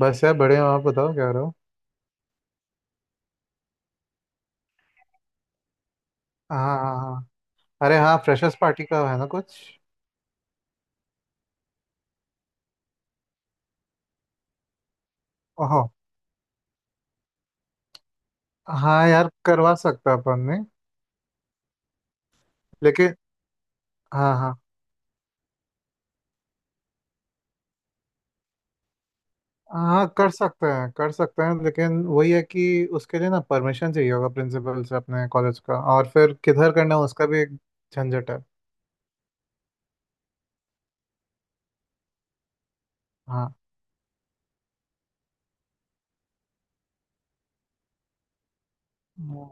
बस यार बड़े हो आप बताओ क्या रहो। हाँ हाँ हाँ। अरे हाँ, फ्रेशर्स पार्टी का है ना कुछ। ओहो। हाँ यार, करवा सकते हैं अपन ने। लेकिन हाँ हाँ हाँ, कर सकते हैं कर सकते हैं, लेकिन वही है कि उसके लिए ना परमिशन चाहिए होगा प्रिंसिपल से अपने कॉलेज का, और फिर किधर करना है उसका भी एक झंझट है। हाँ। हम्म।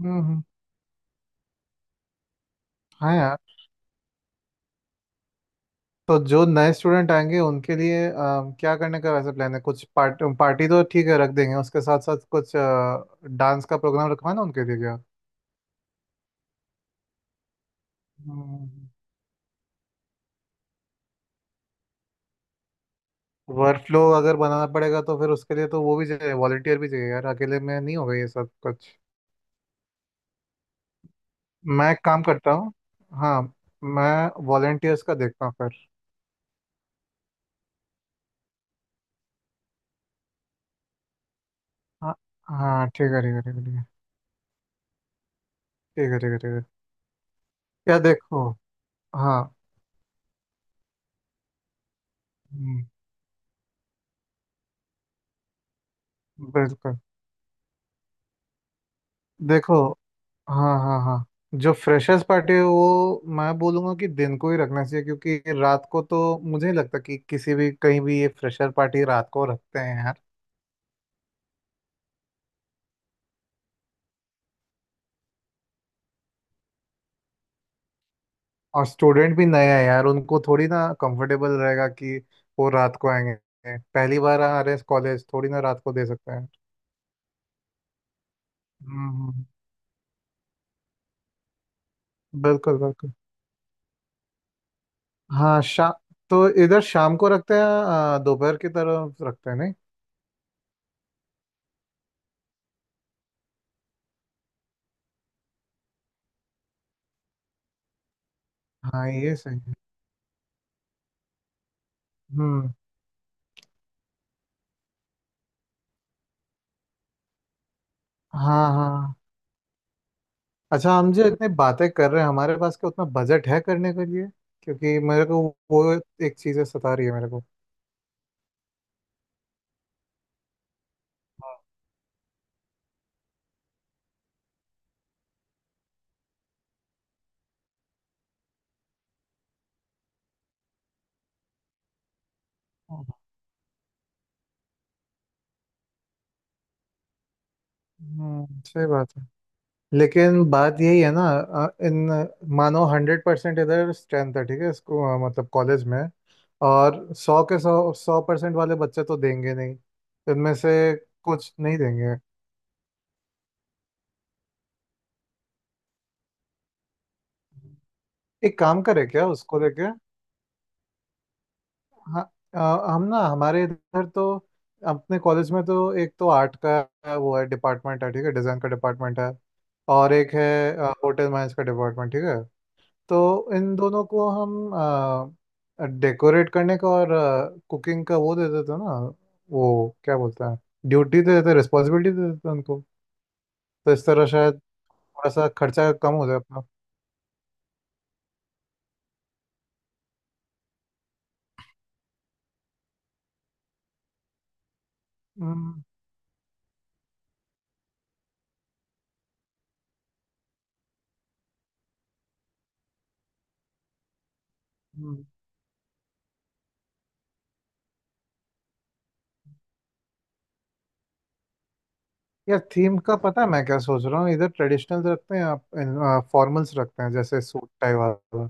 हम्म, हाँ यार। तो जो नए स्टूडेंट आएंगे उनके लिए क्या करने का वैसे प्लान है, कुछ पार्ट पार्टी तो ठीक है रख देंगे, उसके साथ साथ कुछ डांस का प्रोग्राम रखवाना उनके लिए क्या। वर्कफ्लो अगर बनाना पड़ेगा तो फिर उसके लिए तो वो भी चाहिए, वॉलंटियर भी चाहिए यार, अकेले में नहीं होगा ये सब कुछ। मैं एक काम करता हूँ। हाँ। मैं वॉलंटियर्स का देखता हूँ फिर। हाँ। हाँ ठीक है ठीक है ठीक है। ठीक है ठीक है ठीक है ठीक है। क्या देखो। हाँ। हम्म, बिल्कुल। देखो। हाँ हाँ हाँ। जो फ्रेशर्स पार्टी है वो मैं बोलूँगा कि दिन को ही रखना चाहिए, क्योंकि रात को तो मुझे नहीं लगता कि किसी भी कहीं भी ये फ्रेशर पार्टी रात को रखते हैं है। और स्टूडेंट भी नए हैं यार, उनको थोड़ी ना कंफर्टेबल रहेगा कि वो रात को आएंगे। पहली बार आ रहे हैं कॉलेज, थोड़ी ना रात को दे सकते हैं। हम्म, बिल्कुल बिल्कुल। हाँ शा, तो इधर शाम को रखते हैं, दोपहर की तरफ रखते हैं नहीं। हाँ ये सही है। हम्म। हाँ हाँ। अच्छा, हम जो इतनी बातें कर रहे हैं, हमारे पास क्या उतना बजट है करने के लिए? क्योंकि मेरे को वो एक चीज़ है, सता रही है मेरे को। हम्म, सही बात है। लेकिन बात यही है ना इन, मानो हंड्रेड परसेंट इधर स्ट्रेंथ है ठीक है इसको, मतलब कॉलेज में। और सौ के सौ, सौ परसेंट वाले बच्चे तो देंगे नहीं, इनमें से कुछ नहीं देंगे। एक काम करे क्या उसको लेके। हाँ। अ, हम ना हमारे इधर तो, अपने कॉलेज में तो, एक तो आर्ट का वो है डिपार्टमेंट है ठीक है, डिज़ाइन का डिपार्टमेंट है। और एक है होटल मैनेज का डिपार्टमेंट ठीक है। तो इन दोनों को हम डेकोरेट करने का और कुकिंग का वो दे देते हैं ना, वो क्या बोलते हैं, ड्यूटी दे देते हैं, रिस्पॉन्सिबिलिटी दे देते हैं उनको। तो इस तरह शायद थोड़ा सा खर्चा कम हो जाए अपना। हम्म, हम्म। यार थीम का पता है मैं क्या सोच रहा हूँ, इधर ट्रेडिशनल रखते हैं, आप फॉर्मल्स रखते हैं जैसे सूट टाई वाला,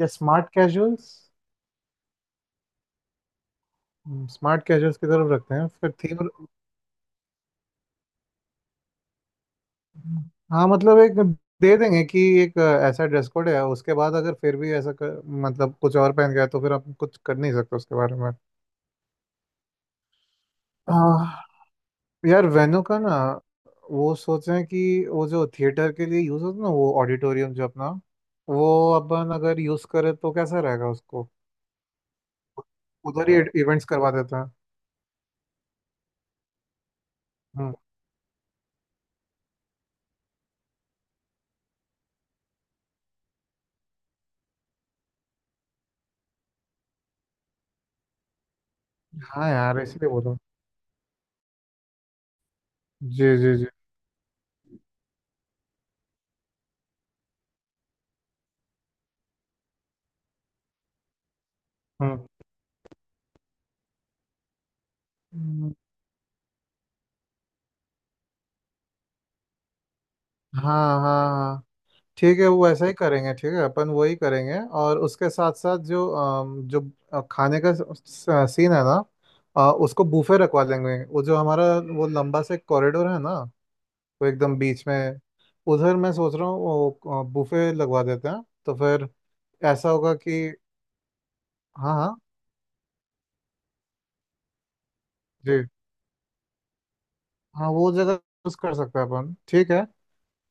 या स्मार्ट कैजुअल्स। स्मार्ट कैजुअल्स की तरफ रखते हैं फिर थीम। हाँ मतलब एक दे देंगे कि एक ऐसा ड्रेस कोड है, उसके बाद अगर फिर भी ऐसा कर, मतलब कुछ और पहन गया तो फिर आप कुछ कर नहीं सकते उसके बारे में। आह, यार वेन्यू का ना, वो सोच रहे हैं कि वो जो थिएटर के लिए यूज़ होता है ना, वो ऑडिटोरियम जो अपना, वो अपन अगर यूज़ करें तो कैसा रहेगा उसको, उधर ही इवेंट्स करवा देता है। हम्म। हाँ यार इसलिए बोलो। जी जी जी। हम्म। हम्म, हाँ हाँ ठीक है, वो ऐसा ही करेंगे ठीक है, अपन वही करेंगे, और उसके साथ साथ जो जो खाने का सीन है ना, उसको बूफे रखवा लेंगे, वो जो हमारा वो लंबा से कॉरिडोर है ना, वो एकदम बीच में, उधर मैं सोच रहा हूँ वो बूफे लगवा देते हैं तो फिर ऐसा होगा कि। हाँ हाँ। जी। हाँ वो जगह यूज कर सकते हैं अपन ठीक है।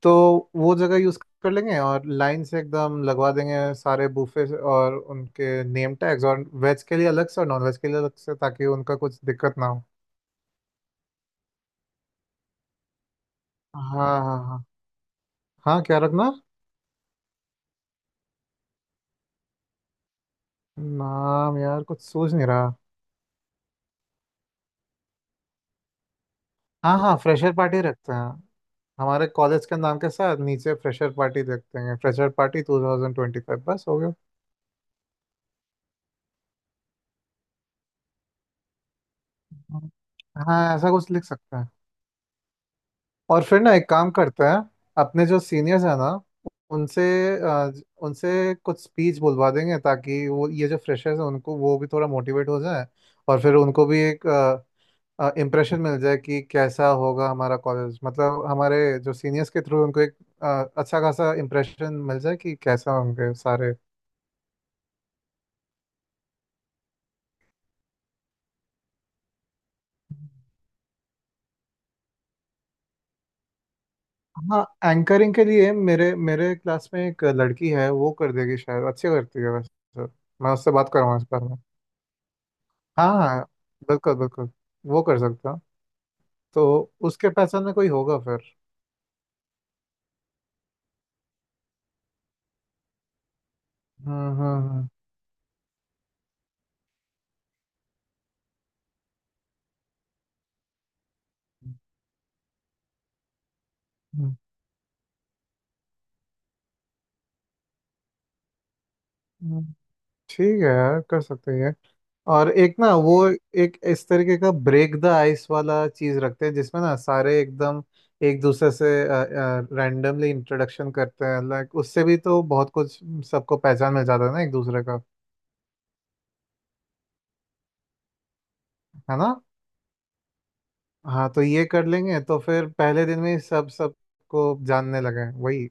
तो वो जगह यूज कर लेंगे, और लाइन से एकदम लगवा देंगे सारे बूफे, और उनके नेम टैग्स, और वेज के लिए अलग से और नॉन वेज के लिए अलग से ताकि उनका कुछ दिक्कत ना हो। हाँ हाँ हाँ। हाँ क्या रखना। नाम यार कुछ सूझ नहीं रहा। हाँ हाँ फ्रेशर पार्टी रखते हैं, हमारे कॉलेज के नाम के साथ नीचे फ्रेशर पार्टी रखते हैं, फ्रेशर पार्टी 2025, बस हो गया। हाँ ऐसा कुछ लिख सकते हैं। और फिर ना एक काम करते हैं, अपने जो सीनियर्स हैं ना, उनसे अ, उनसे कुछ स्पीच बुलवा देंगे, ताकि वो ये जो फ्रेशर्स हैं उनको वो भी थोड़ा मोटिवेट हो जाए। और फिर उनको भी एक इम्प्रेशन मिल जाए कि कैसा होगा हमारा कॉलेज, मतलब हमारे जो सीनियर्स के थ्रू उनको एक अच्छा खासा इम्प्रेशन मिल जाए कि कैसा होंगे सारे। हाँ। एंकरिंग के लिए मेरे मेरे क्लास में एक लड़की है वो कर देगी शायद, अच्छी करती है वैसे तो। मैं उससे बात करूँगा इस बारे में। हाँ बिल्कुल बिल्कुल, वो कर सकते हो। तो उसके पहचान में कोई होगा फिर। हम्म। हम्म, हम्म, ठीक है यार कर सकते हैं। और एक ना वो, एक इस तरीके का ब्रेक द आइस वाला चीज रखते हैं, जिसमें ना सारे एकदम एक दूसरे से रैंडमली इंट्रोडक्शन करते हैं, लाइक उससे भी तो बहुत कुछ सबको पहचान मिल जाता है ना एक दूसरे का। है ना। हाँ तो ये कर लेंगे, तो फिर पहले दिन में ही सब सबको जानने लगे वही।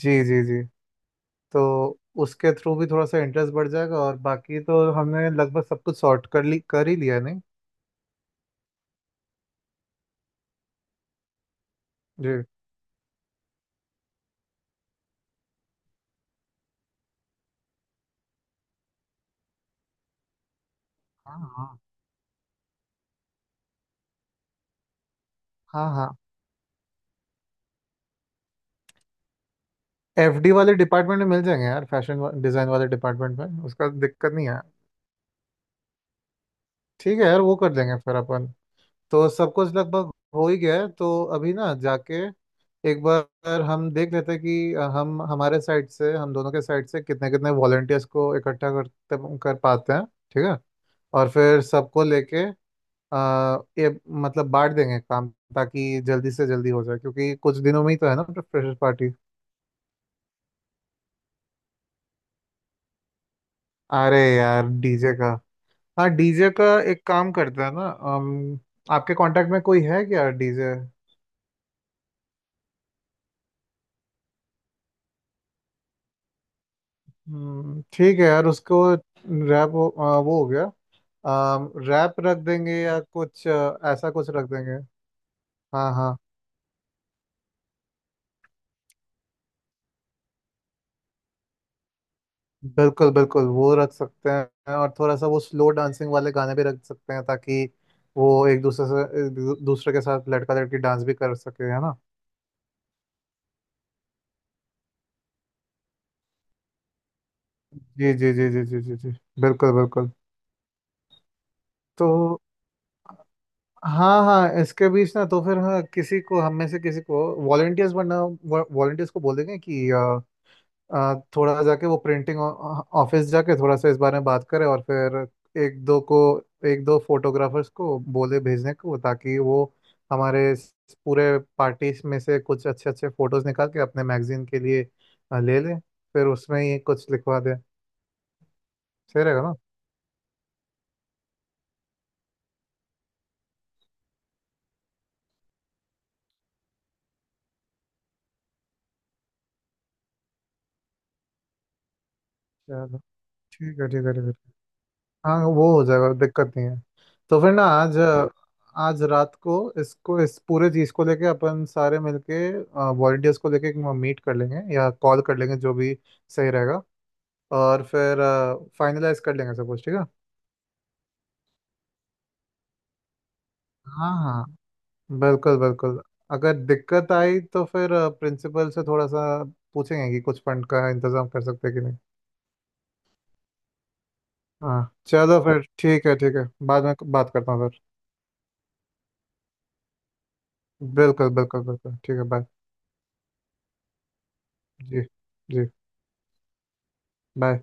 जी जी जी। तो उसके थ्रू भी थोड़ा सा इंटरेस्ट बढ़ जाएगा, और बाकी तो हमने लगभग सब कुछ सॉर्ट कर ली कर ही लिया है, नहीं। जी हाँ हाँ हाँ हाँ। एफडी वाले डिपार्टमेंट में मिल जाएंगे यार, फैशन डिजाइन वाले डिपार्टमेंट में, उसका दिक्कत नहीं है। ठीक है यार वो कर देंगे फिर अपन। तो सब कुछ लगभग हो ही गया है, तो अभी ना जाके एक बार हम देख लेते हैं कि हम हमारे साइड से, हम दोनों के साइड से कितने कितने वॉलंटियर्स को इकट्ठा करते कर पाते हैं ठीक है। और फिर सबको लेके ये, मतलब बांट देंगे काम, ताकि जल्दी से जल्दी हो जाए, क्योंकि कुछ दिनों में ही तो है ना फ्रेशर पार्टी। अरे यार डीजे का। हाँ डीजे का एक काम करते हैं ना आपके कांटेक्ट में कोई है क्या डीजे। ठीक है यार, उसको रैप वो, वो हो गया, रैप रख देंगे या कुछ ऐसा कुछ रख देंगे। हाँ हाँ बिल्कुल बिल्कुल, वो रख सकते हैं, और थोड़ा सा वो स्लो डांसिंग वाले गाने भी रख सकते हैं, ताकि वो एक दूसरे से दूसरे के साथ लड़का लड़की डांस भी कर सके, है ना। जी जी जी जी जी जी जी। बिल्कुल बिल्कुल। तो हाँ हाँ, इसके बीच ना तो फिर हाँ, किसी को हम में से किसी को वॉलंटियर्स बनना, वॉलंटियर्स को बोलेंगे कि थोड़ा जाके वो प्रिंटिंग ऑफिस जाके थोड़ा सा इस बारे में बात करें, और फिर एक दो को, एक दो फोटोग्राफर्स को बोले भेजने को, ताकि वो हमारे इस पूरे पार्टीज में से कुछ अच्छे अच्छे फोटोज निकाल के अपने मैगजीन के लिए ले लें, फिर उसमें ही कुछ लिखवा दें, सही रहेगा ना। चलो ठीक है ठीक है ठीक है। हाँ वो हो जाएगा दिक्कत नहीं है। तो फिर ना आज, आज रात को इसको, इस पूरे चीज को लेके अपन सारे मिलके वॉलंटियर्स को लेके मीट कर लेंगे या कॉल कर लेंगे जो भी सही रहेगा, और फिर फाइनलाइज कर लेंगे सब कुछ ठीक है। हाँ हाँ बिल्कुल बिल्कुल। अगर दिक्कत आई तो फिर प्रिंसिपल से थोड़ा सा पूछेंगे कि कुछ फंड का इंतजाम कर सकते हैं कि नहीं। हाँ चलो फिर ठीक है ठीक है, बाद में बात करता हूँ फिर। बिल्कुल बिल्कुल बिल्कुल ठीक है, बाय। जी जी। बाय।